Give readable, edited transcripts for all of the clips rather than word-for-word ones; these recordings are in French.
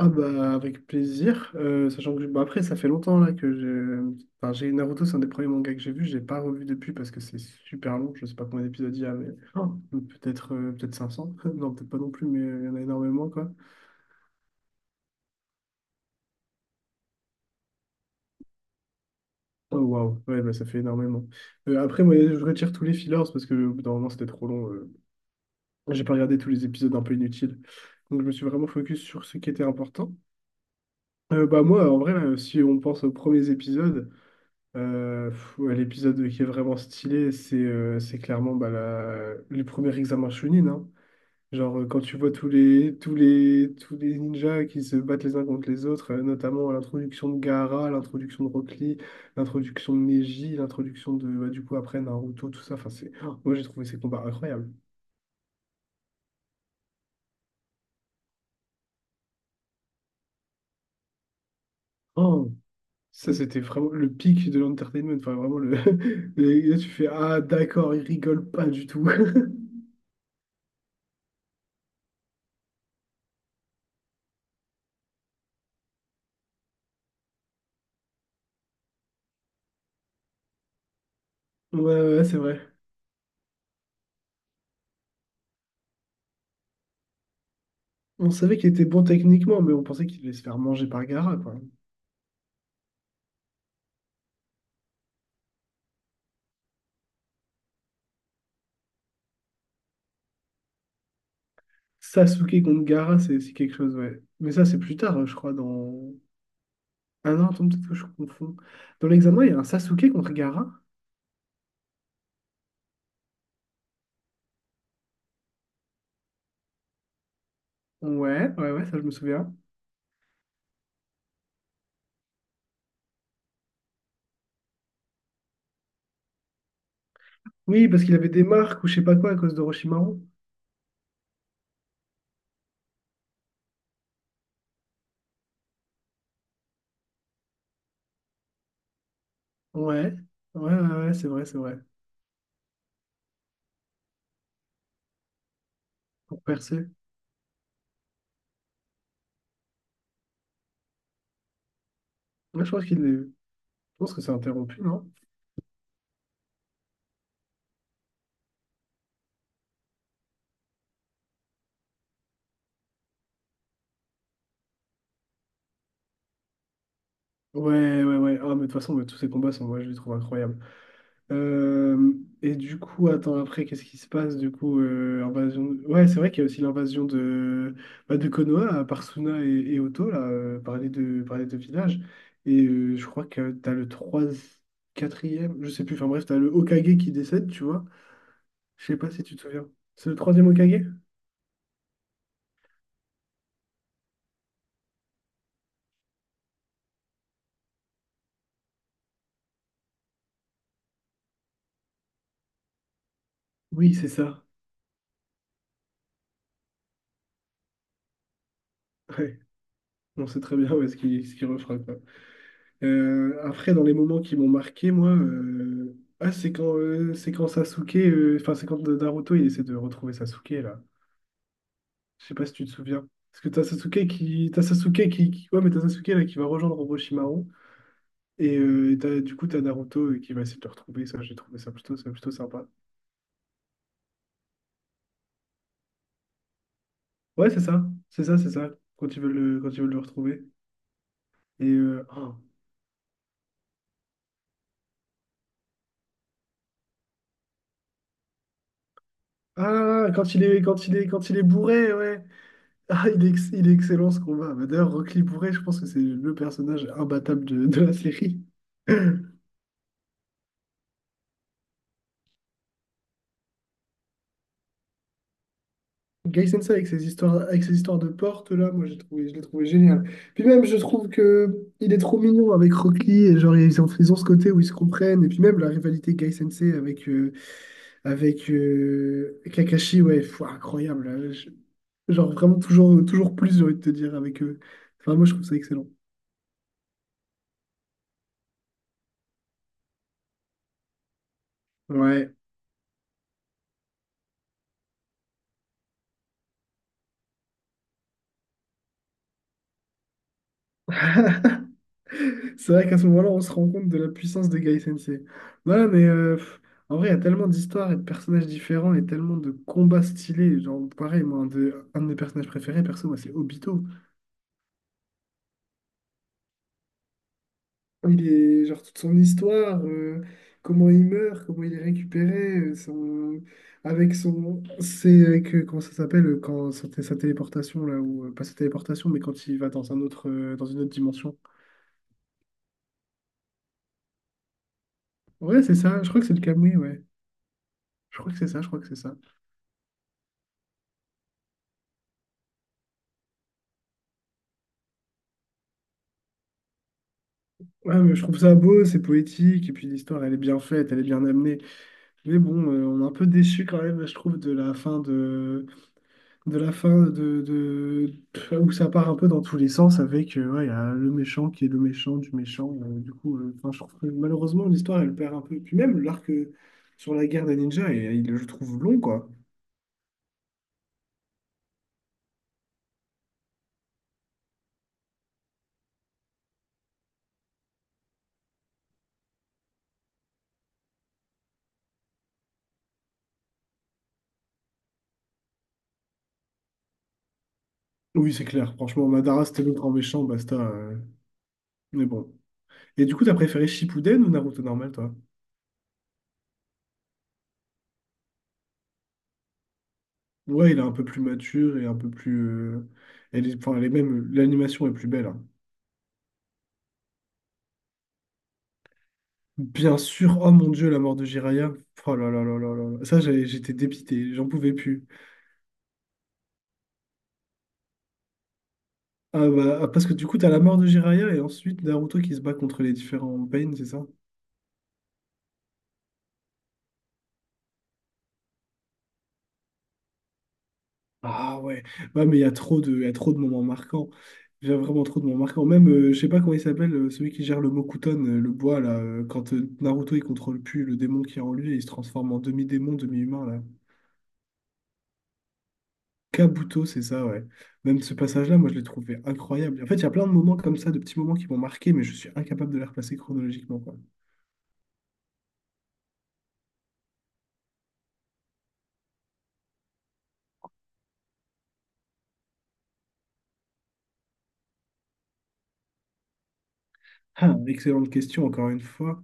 Ah bah avec plaisir. Sachant que bah après ça fait longtemps là que j'ai enfin, j'ai Naruto, c'est un des premiers mangas que j'ai vu, je l'ai pas revu depuis parce que c'est super long, je sais pas combien d'épisodes il y a, mais… Oh, peut-être peut-être 500, non peut-être pas non plus, mais il y en a énormément quoi. Oh waouh, ouais bah ça fait énormément. Après moi je retire tous les fillers parce que au bout d'un moment c'était trop long. J'ai pas regardé tous les épisodes un peu inutiles, donc je me suis vraiment focus sur ce qui était important. Bah moi en vrai là, si on pense aux premiers épisodes, ouais, l'épisode qui est vraiment stylé, c'est clairement bah, le premier examen Chunin, hein. Genre, quand tu vois tous les ninjas qui se battent les uns contre les autres, notamment à l'introduction de Gaara, à l'introduction de Rock Lee, l'introduction de Neji, l'introduction de, bah, du coup, après Naruto, tout ça. Enfin, c'est… oh, moi, j'ai trouvé ces combats incroyables. Oh, ça, c'était vraiment le pic de l'entertainment. Enfin, vraiment, le… et là, tu fais, ah, d'accord, ils rigolent pas du tout. Ouais, ouais, c'est vrai. On savait qu'il était bon techniquement, mais on pensait qu'il allait se faire manger par Gaara, quoi. Sasuke contre Gaara, c'est quelque chose, ouais. Mais ça, c'est plus tard, je crois, dans… Ah non, attends, peut-être que je confonds. Dans l'examen, il y a un Sasuke contre Gaara? Ouais, ouais, ouais, ça, je me souviens. Oui, parce qu'il avait des marques ou je sais pas quoi à cause d'Orochimaru. Ouais, ouais, ouais, ouais, ouais, c'est vrai, c'est vrai. Pour percer. Moi, je pense qu'il est… Je pense que c'est interrompu, non? Ouais, ouais, ouais. Ah, mais de toute façon, mais tous ces combats sont… Ouais, je les trouve incroyables. Euh, et du coup, attends, après, qu'est-ce qui se passe? Du coup, invasion… Ouais, c'est vrai qu'il y a aussi l'invasion de, bah, de Konoha par Suna et Otto, là, par les deux villages. Et je crois que t'as le 3 quatrième je sais plus, enfin bref, t'as le Hokage qui décède, tu vois. Je sais pas si tu te souviens. C'est le troisième Hokage? Oui, c'est ça. Ouais, on sait très bien où est-ce qu'il ce qu'il refera, quoi. Après, dans les moments qui m'ont marqué, moi, ah, c'est quand, c'est quand Naruto, il essaie de retrouver Sasuke, là. Je sais pas si tu te souviens. Parce que t'as Sasuke qui- ouais, mais t'as Sasuke, là, qui va rejoindre Orochimaru. Et du coup, t'as Naruto qui va essayer de le retrouver. Ça, j'ai trouvé ça plutôt sympa. Ouais, c'est ça, c'est ça, c'est ça. Quand ils veulent le retrouver. Et, oh. Ah, quand il est bourré, ouais. Ah, il est excellent ce combat. Bah, d'ailleurs, Rock Lee Bourret, je pense que c'est le personnage imbattable de la série. Gai Sensei avec ses histoires de porte là, je l'ai trouvé génial. Puis même, je trouve que il est trop mignon avec Rock Lee et genre ils ont ce côté où ils se comprennent. Et puis même la rivalité Gai Sensei avec, Kakashi, ouais, pff, incroyable là. Genre vraiment toujours, toujours plus, j'ai envie de te dire avec eux. Enfin, moi je trouve ça excellent. Ouais. C'est vrai qu'à ce moment-là, on se rend compte de la puissance de Gai Sensei. Voilà, mais en vrai, il y a tellement d'histoires et de personnages différents et tellement de combats stylés. Genre, pareil, moi, un de mes personnages préférés, perso, moi, c'est Obito. Il est, genre, toute son histoire, comment il meurt, comment il est récupéré, son, avec son. C'est avec, comment ça s'appelle, quand sa téléportation, là, ou pas sa téléportation, mais quand il va dans un autre, dans une autre dimension. Ouais, c'est ça, je crois que c'est le Kamui, ouais. Je crois que c'est ça, je crois que c'est ça. Ouais, mais je trouve ça beau, c'est poétique, et puis l'histoire, elle est bien faite, elle est bien amenée. Mais bon, on est un peu déçu quand même, je trouve, de la fin de la fin de- où ça part un peu dans tous les sens avec ouais, y a le méchant qui est le méchant du méchant. Enfin, je trouve que malheureusement, l'histoire, elle perd un peu. Puis même l'arc sur la guerre des ninjas, et, il je trouve long, quoi. Oui, c'est clair. Franchement, Madara, c'était le grand méchant, basta. Mais bon. Et du coup, t'as préféré Shippuden ou Naruto normal, toi? Ouais, il est un peu plus mature et un peu plus. Euh, elle est, enfin, elle est même. L'animation est plus belle, hein. Bien sûr, oh mon Dieu, la mort de Jiraya. Oh là là là là là là. Ça, j'étais dépité, j'en pouvais plus. Ah bah, ah, parce que du coup, t'as la mort de Jiraya et ensuite Naruto qui se bat contre les différents Pain, c'est ça? Ah ouais. Ouais, mais il y a trop de moments marquants. Il y a vraiment trop de moments marquants. Même, je sais pas comment il s'appelle, celui qui gère le Mokuton, le bois, là. Quand Naruto, il contrôle plus le démon qui est en lui et il se transforme en demi-démon, demi-humain, Kabuto, c'est ça, ouais. Même ce passage-là, moi, je l'ai trouvé incroyable. En fait, il y a plein de moments comme ça, de petits moments qui m'ont marqué, mais je suis incapable de les replacer chronologiquement, quoi. Ah, excellente question, encore une fois.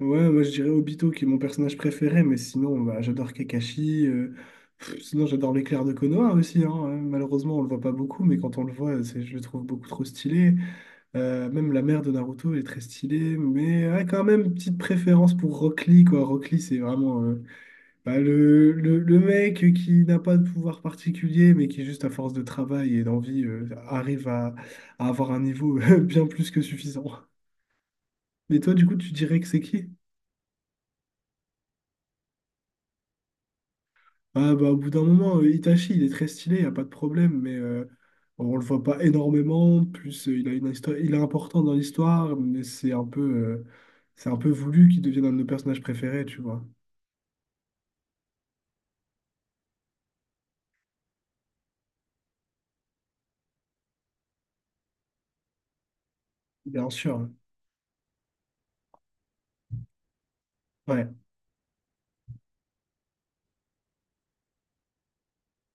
Ouais, moi, je dirais Obito, qui est mon personnage préféré, mais sinon, bah, j'adore Kakashi. Sinon, j'adore l'éclair de Konoha aussi, hein. Malheureusement, on le voit pas beaucoup, mais quand on le voit, c'est, je le trouve beaucoup trop stylé. Même la mère de Naruto elle est très stylée, mais ouais, quand même, petite préférence pour Rock Lee, quoi. Rock Lee, c'est vraiment… Bah, le mec qui n'a pas de pouvoir particulier, mais qui, juste à force de travail et d'envie, arrive à avoir un niveau bien plus que suffisant. Mais toi, du coup, tu dirais que c'est qui? Ah, bah, au bout d'un moment, Itachi, il est très stylé, il n'y a pas de problème, mais on le voit pas énormément. Plus, il a une histoire, il est important dans l'histoire, mais c'est un peu voulu qu'il devienne un de nos personnages préférés, tu vois. Bien sûr. Ouais.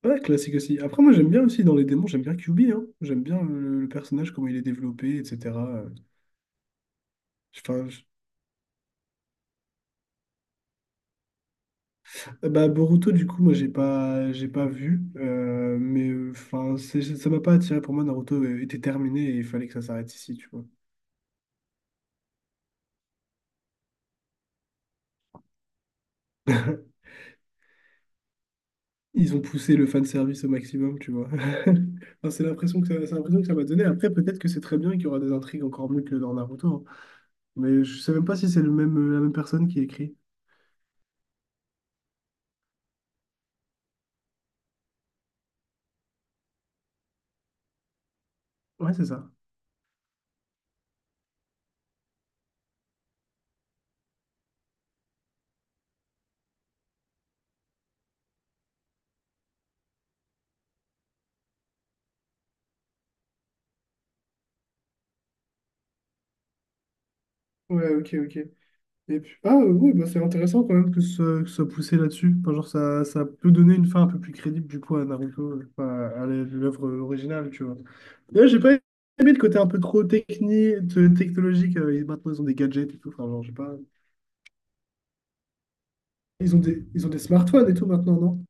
Ouais, classique aussi. Après, moi, j'aime bien aussi dans les démons, j'aime bien Kyuubi, hein. J'aime bien le personnage, comment il est développé, etc. Enfin, je- Bah, Boruto, du coup, moi, j'ai pas vu, mais enfin, ça m'a pas attiré. Pour moi, Naruto était terminé et il fallait que ça s'arrête ici, tu vois. Ils ont poussé le fanservice au maximum, tu vois. Enfin, c'est l'impression que ça m'a donné. Après, peut-être que c'est très bien qu'il y aura des intrigues encore mieux que dans Naruto, hein. Mais je sais même pas si c'est le même, la même personne qui écrit. Ouais, c'est ça. Ouais, ok, ok. Et puis, ah oui, bah, c'est intéressant quand même que ce que ça poussé là-dessus. Enfin, genre, ça peut donner une fin un peu plus crédible du coup à Naruto, enfin, à l'œuvre originale, tu vois. D'ailleurs, j'ai pas aimé le côté un peu trop technique, technologique. Et maintenant, ils ont des gadgets et tout. Enfin, genre, j'ai pas… Ils ont des smartphones et tout maintenant, non?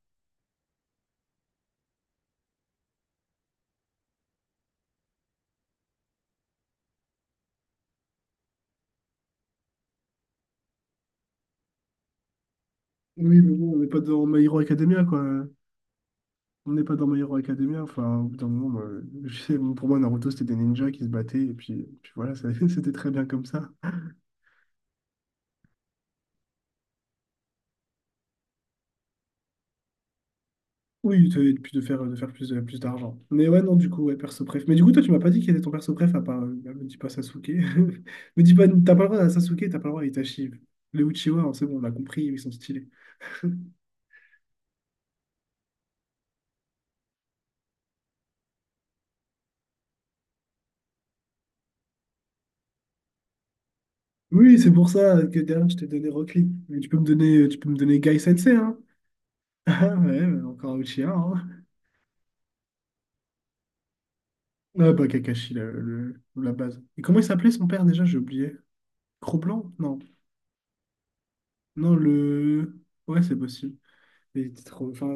Oui, mais bon, on n'est pas dans My Hero Academia, quoi. On n'est pas dans My Hero Academia. Enfin, au bout d'un moment, moi, je sais, pour moi, Naruto, c'était des ninjas qui se battaient. Et puis voilà, c'était très bien comme ça. Oui, et puis de faire plus, plus d'argent. Mais ouais, non, du coup, ouais, perso préf. Mais du coup, toi, tu m'as pas dit quel était ton perso préf à part. Bah, me dis pas Sasuke. Me dis pas, t'as pas le droit à Sasuke, t'as pas le droit à Itachi. Les Uchiwa, hein, c'est bon, on a compris, ils sont stylés. Oui, c'est pour ça que derrière, je t'ai donné Rock Lee. Mais tu peux me donner Guy Sensei, hein. Ah ouais, mais encore Uchiha, hein. Ah bah, Kakashi, la base. Et comment il s'appelait son père déjà? J'ai oublié. Cro-Blanc? Non. Non, le. Ouais, c'est possible. Il était trop… Enfin,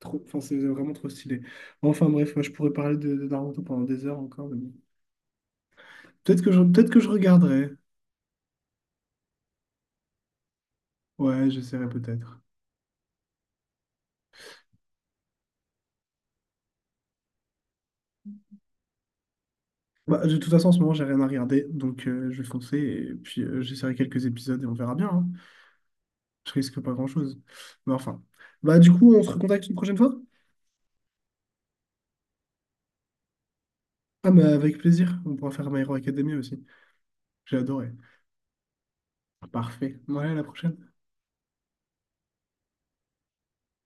trop, enfin, c'est vraiment trop stylé. Enfin bref, moi, je pourrais parler de Naruto pendant des heures encore. Mais bon. Peut-être que je regarderai. Ouais, j'essaierai peut-être. Bah, de toute façon, en ce moment, j'ai rien à regarder, donc je vais foncer et puis j'essaierai quelques épisodes et on verra bien, hein. Je risque pas grand-chose. Mais enfin. Bah du coup, on se recontacte une prochaine fois? Ah, mais avec plaisir. On pourra faire My Hero Academia aussi. J'ai adoré. Parfait. Ouais, à la prochaine.